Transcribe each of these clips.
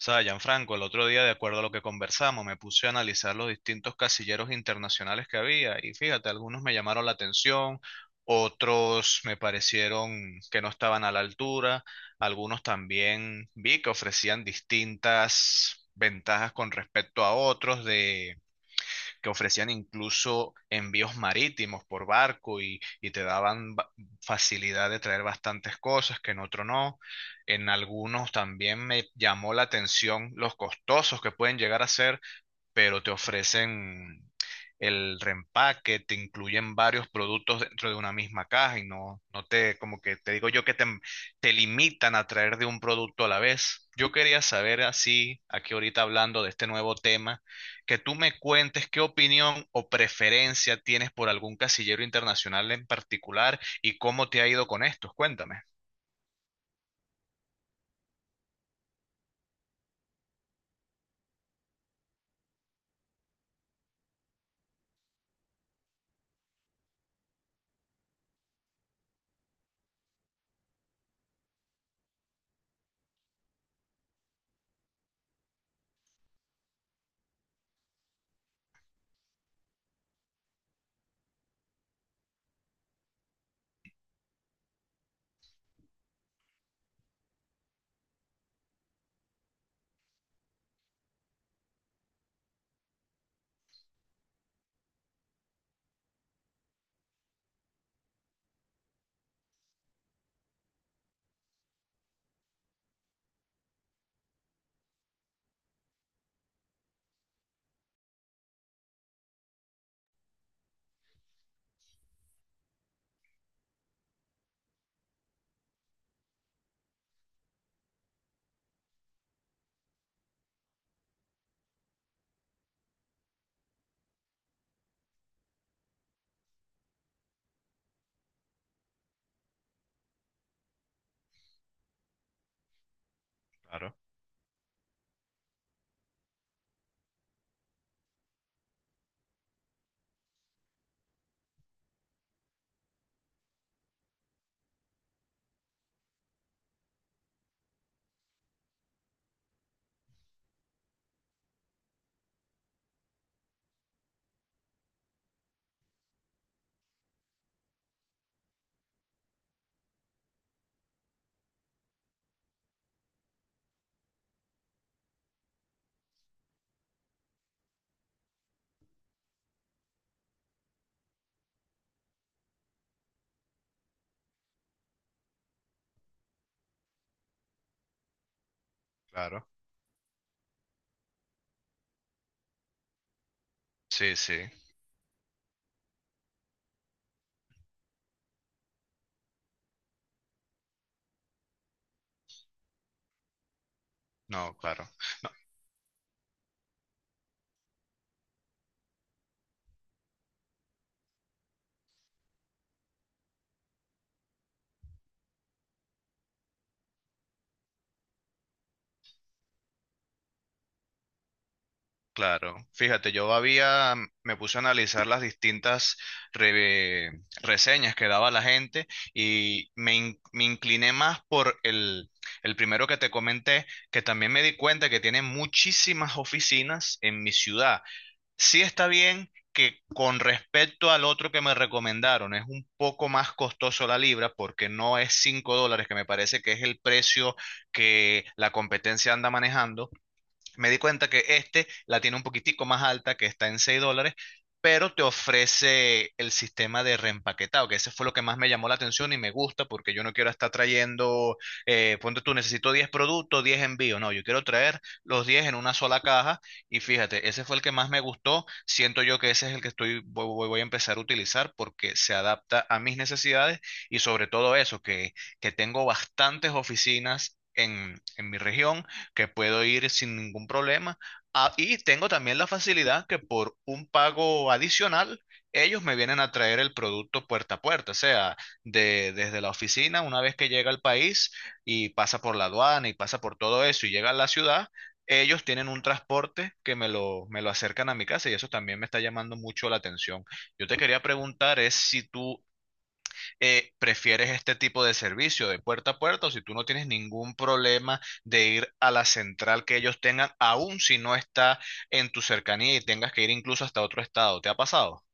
O sea, Gianfranco, el otro día, de acuerdo a lo que conversamos, me puse a analizar los distintos casilleros internacionales que había y fíjate, algunos me llamaron la atención, otros me parecieron que no estaban a la altura, algunos también vi que ofrecían distintas ventajas con respecto a otros de que ofrecían incluso envíos marítimos por barco y te daban facilidad de traer bastantes cosas que en otro no. En algunos también me llamó la atención los costosos que pueden llegar a ser, pero te ofrecen el reempaque, te incluyen varios productos dentro de una misma caja y no, no te, como que te digo yo que te limitan a traer de un producto a la vez. Yo quería saber así, aquí ahorita hablando de este nuevo tema, que tú me cuentes qué opinión o preferencia tienes por algún casillero internacional en particular y cómo te ha ido con estos. Cuéntame. Claro, claro. Sí, sí, no, claro. Claro, fíjate, yo había, me puse a analizar las distintas re- reseñas que daba la gente y me incliné más por el primero que te comenté, que también me di cuenta que tiene muchísimas oficinas en mi ciudad. Sí, está bien que con respecto al otro que me recomendaron es un poco más costoso la libra, porque no es 5 dólares, que me parece que es el precio que la competencia anda manejando. Me di cuenta que este la tiene un poquitico más alta, que está en 6 dólares, pero te ofrece el sistema de reempaquetado, que ese fue lo que más me llamó la atención y me gusta, porque yo no quiero estar trayendo, ponte tú, necesito 10 productos, 10 envíos. No, yo quiero traer los 10 en una sola caja. Y fíjate, ese fue el que más me gustó. Siento yo que ese es el que estoy, voy a empezar a utilizar porque se adapta a mis necesidades y sobre todo eso, que tengo bastantes oficinas. En mi región, que puedo ir sin ningún problema. Ah, y tengo también la facilidad que por un pago adicional, ellos me vienen a traer el producto puerta a puerta, o sea, desde la oficina, una vez que llega al país y pasa por la aduana y pasa por todo eso y llega a la ciudad, ellos tienen un transporte que me lo acercan a mi casa, y eso también me está llamando mucho la atención. Yo te quería preguntar es si tú prefieres este tipo de servicio de puerta a puerta, o si tú no tienes ningún problema de ir a la central que ellos tengan, aun si no está en tu cercanía y tengas que ir incluso hasta otro estado. ¿Te ha pasado?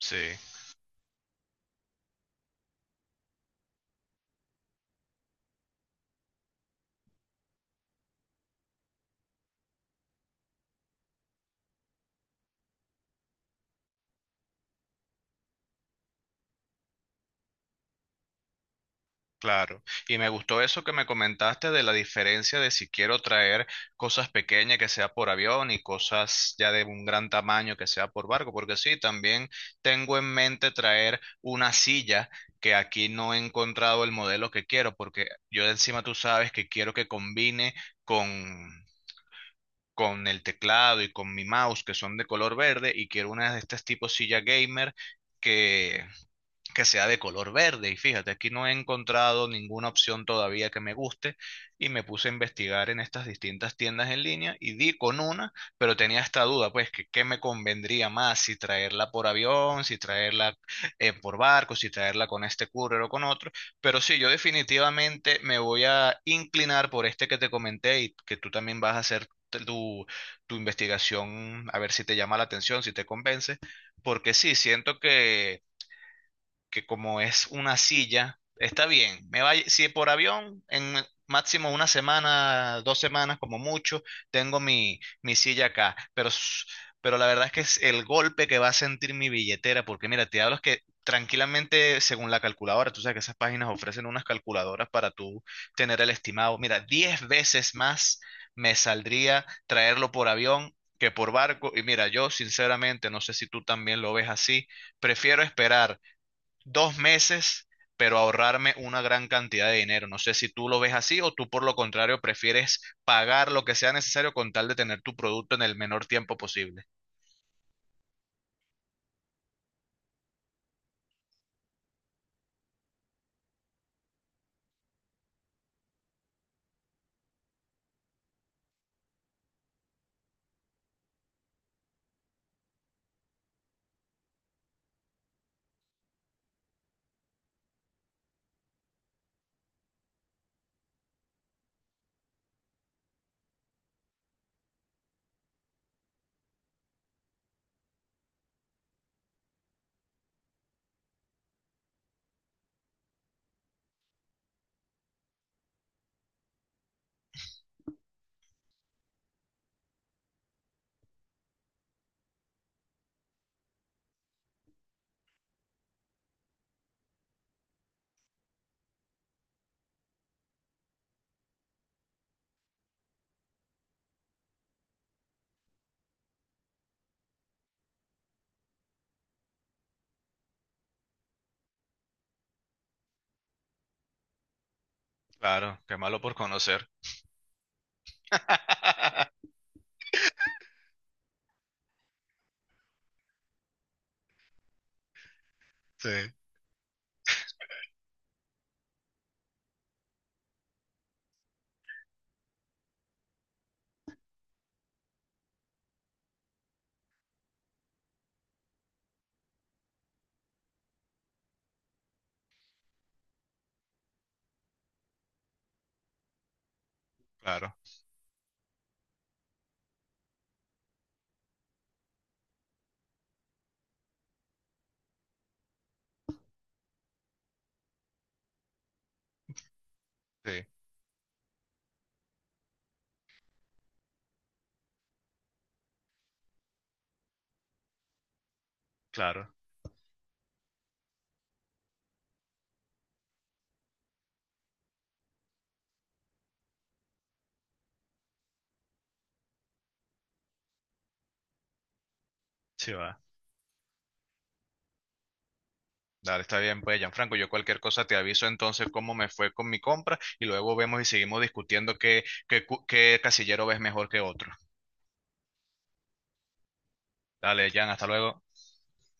Sí. Claro, y me gustó eso que me comentaste de la diferencia de si quiero traer cosas pequeñas que sea por avión y cosas ya de un gran tamaño que sea por barco, porque sí, también tengo en mente traer una silla que aquí no he encontrado el modelo que quiero, porque yo de encima tú sabes que quiero que combine con, con el teclado y con mi mouse que son de color verde, y quiero una de estas tipo silla gamer que sea de color verde. Y fíjate, aquí no he encontrado ninguna opción todavía que me guste, y me puse a investigar en estas distintas tiendas en línea y di con una, pero tenía esta duda, pues, que qué me convendría más, si traerla por avión, si traerla por barco, si traerla con este courier o con otro. Pero sí, yo definitivamente me voy a inclinar por este que te comenté y que tú también vas a hacer. Tu, tu investigación, a ver si te llama la atención, si te convence, porque sí, siento que como es una silla, está bien. Me va, si por avión, en máximo una semana, 2 semanas como mucho, tengo mi silla acá. Pero, pero la verdad es que es el golpe que va a sentir mi billetera, porque mira, te hablo es que tranquilamente, según la calculadora, tú sabes que esas páginas ofrecen unas calculadoras para tú tener el estimado. Mira, 10 veces más me saldría traerlo por avión que por barco. Y mira, yo sinceramente, no sé si tú también lo ves así, prefiero esperar 2 meses, pero ahorrarme una gran cantidad de dinero. No sé si tú lo ves así o tú por lo contrario prefieres pagar lo que sea necesario con tal de tener tu producto en el menor tiempo posible. Claro, qué malo por conocer. Sí, claro, sí, claro, sí va. Dale, está bien, pues, Gianfranco, yo cualquier cosa te aviso entonces cómo me fue con mi compra, y luego vemos y seguimos discutiendo qué, qué casillero ves mejor que otro. Dale, Jan, hasta luego.